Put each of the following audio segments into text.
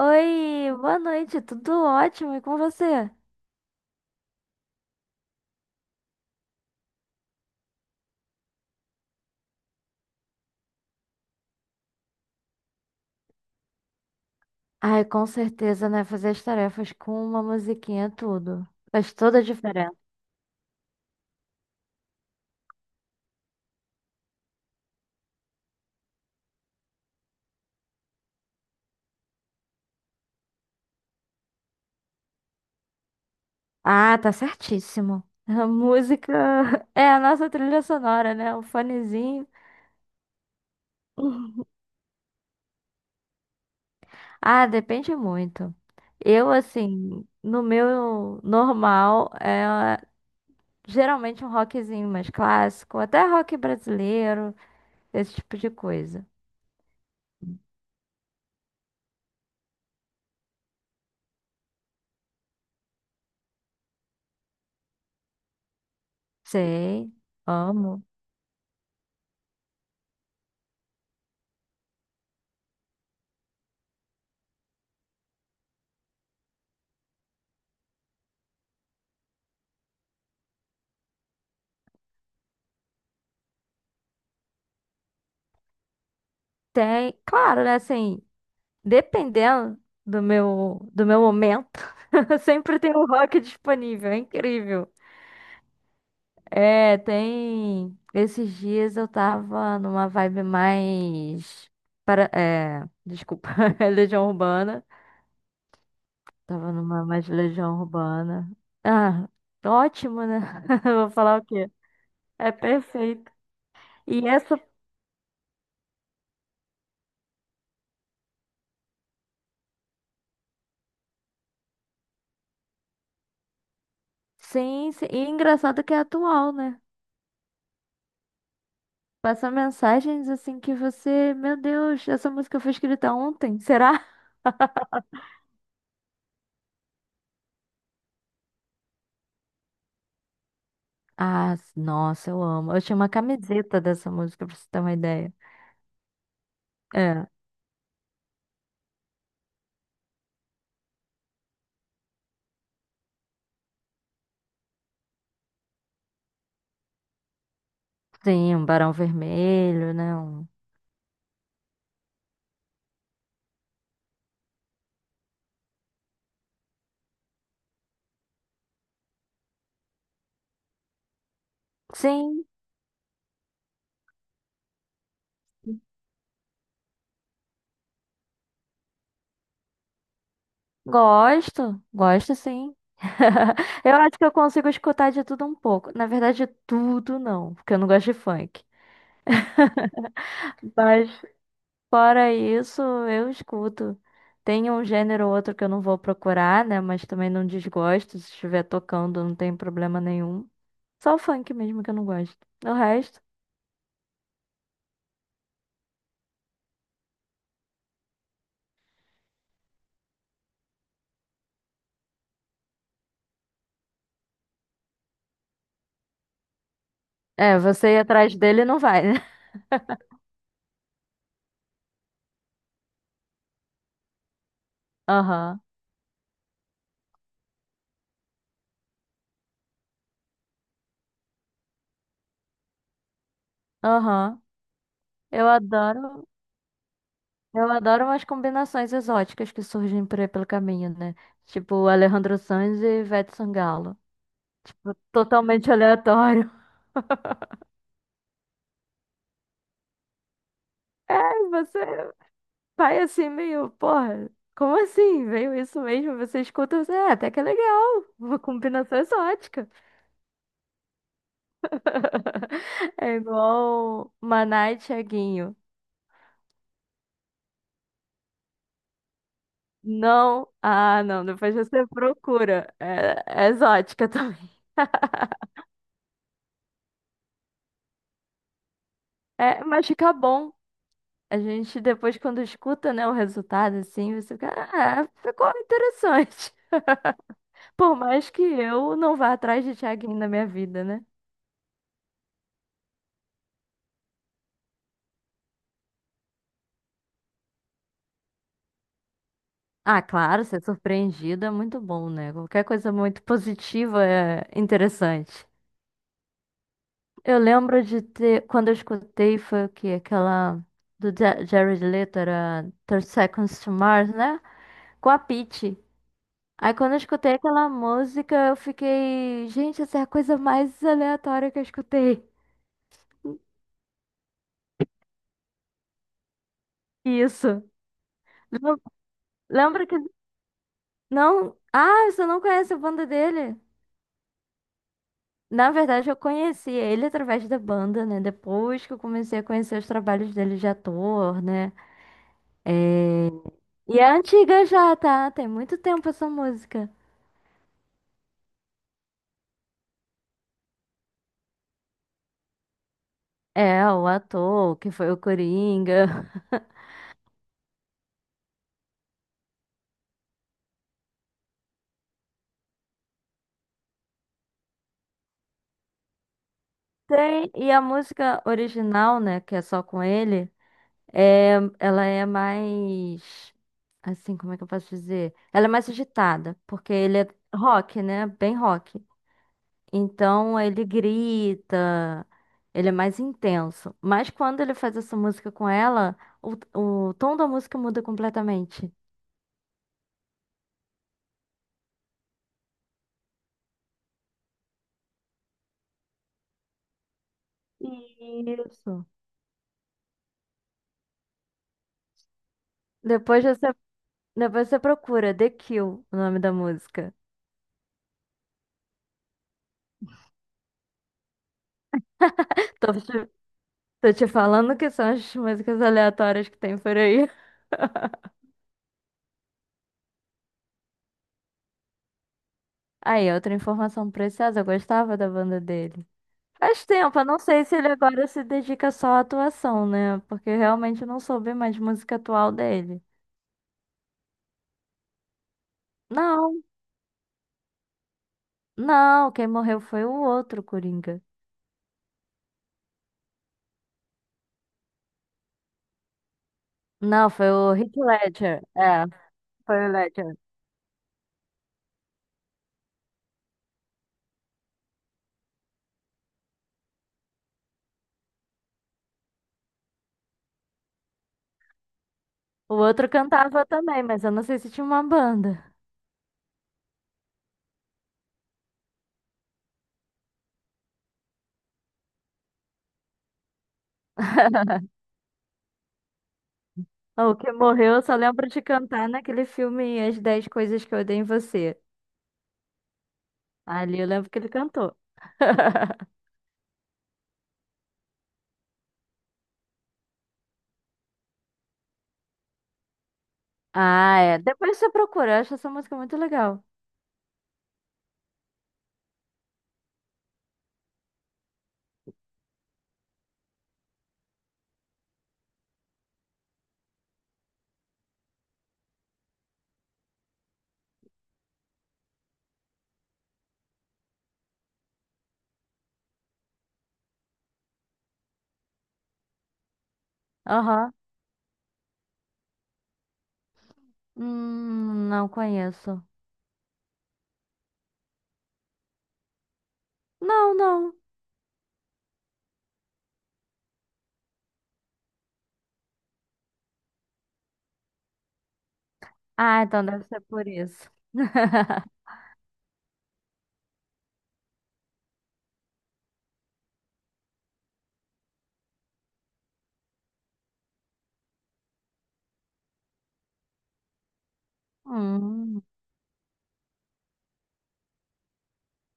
Oi, boa noite, tudo ótimo e com você? Ai, com certeza, né? Fazer as tarefas com uma musiquinha é tudo. Faz toda a diferença. Ah, tá certíssimo. A música é a nossa trilha sonora, né? O fonezinho. Ah, depende muito. Eu, assim, no meu normal, é geralmente um rockzinho mais clássico, até rock brasileiro, esse tipo de coisa. Sei, amo. Tem, claro, né? Assim, dependendo do meu momento, sempre tem um rock disponível, é incrível. É, tem. Esses dias eu tava numa vibe mais. Para... É, desculpa, é Legião Urbana. Tava numa mais Legião Urbana. Ah, ótimo, né? Eu vou falar o quê? É perfeito. E essa. Sim, sim. E engraçado que é atual, né? Passa mensagens assim que você. Meu Deus, essa música foi escrita ontem, será? Ah, nossa, eu amo. Eu tinha uma camiseta dessa música, pra você ter uma ideia. É, sim, um Barão Vermelho, né? Um. Sim, gosto, gosto sim. Eu acho que eu consigo escutar de tudo um pouco. Na verdade, tudo não, porque eu não gosto de funk. Mas fora isso, eu escuto. Tem um gênero ou outro que eu não vou procurar, né? Mas também não desgosto. Se estiver tocando, não tem problema nenhum. Só o funk mesmo que eu não gosto. O resto. É, você ir atrás dele não vai, né? Aham, aham. Eu adoro, eu adoro umas combinações exóticas que surgem por aí pelo caminho, né? Tipo Alejandro Sanz e Ivete Sangalo. Totalmente aleatório. É, você vai assim meio, porra, como assim? Veio isso mesmo? Você escuta, você, é, até que é legal. Uma combinação exótica. É igual Maná e Thiaguinho. Não, ah, não, depois você procura. É, é exótica também. É, mas fica bom. A gente depois, quando escuta, né, o resultado, assim, você fica, ah, ficou interessante. Por mais que eu não vá atrás de Thiaguinho na minha vida, né? Ah, claro, ser surpreendido é muito bom, né? Qualquer coisa muito positiva é interessante. Eu lembro de ter, quando eu escutei, foi o quê? Aquela do Jared Leto, era 30 Seconds to Mars, né? Com a Pitty. Aí quando eu escutei aquela música, eu fiquei, gente, essa é a coisa mais aleatória que eu escutei. Isso. Lem- Lembra que não, ah, você não conhece a banda dele? Na verdade, eu conheci ele através da banda, né? Depois que eu comecei a conhecer os trabalhos dele de ator, né? E é antiga já, tá? Tem muito tempo essa música. É, o ator, que foi o Coringa. Tem, e a música original, né, que é só com ele. É, ela é mais, assim, como é que eu posso dizer? Ela é mais agitada, porque ele é rock, né? Bem rock. Então ele grita, ele é mais intenso. Mas quando ele faz essa música com ela, o tom da música muda completamente. Isso. Depois você, depois você procura The Kill, o nome da música. Tô te, tô te falando que são as músicas aleatórias que tem por aí. Aí, outra informação preciosa, eu gostava da banda dele. Faz tempo, eu não sei se ele agora se dedica só à atuação, né? Porque eu realmente não soube mais música atual dele. Não, não, quem morreu foi o outro Coringa. Não, foi o Heath Ledger. É, foi o Ledger. O outro cantava também, mas eu não sei se tinha uma banda. O que morreu, eu só lembro de cantar naquele filme As Dez Coisas que Eu Odeio em Você. Ali eu lembro que ele cantou. Ah, é. Depois você procura, eu acho essa música muito legal. Aham. Não conheço. Não, não. Ah, então deve ser por isso. Hum.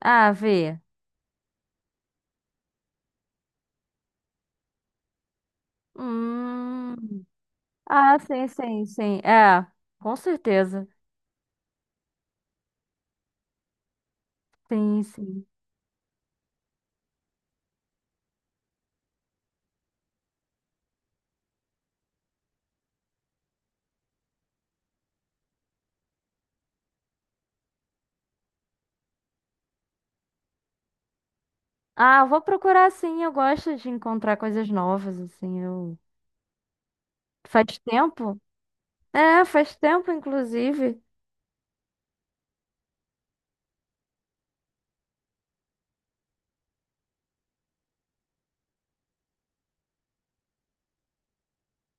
Ah, vi. Hum. Ah, sim, sim, sim. É, com certeza. Sim, sim. Ah, eu vou procurar sim. Eu gosto de encontrar coisas novas, assim. Eu... Faz tempo? É, faz tempo, inclusive.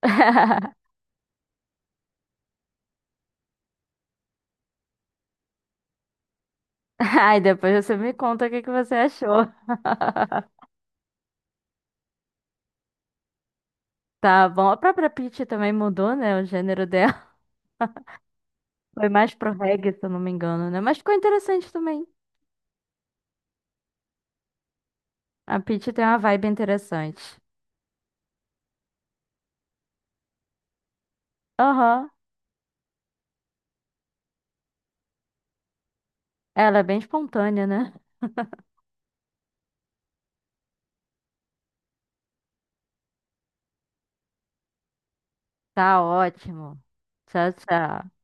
Ai, depois você me conta o que que você achou. Tá bom. A própria Peach também mudou, né? O gênero dela. Foi mais pro reggae, se eu não me engano, né? Mas ficou interessante também. A Pitty tem uma vibe interessante. Aham. Ela é bem espontânea, né? Tá ótimo. Tchau, tchau.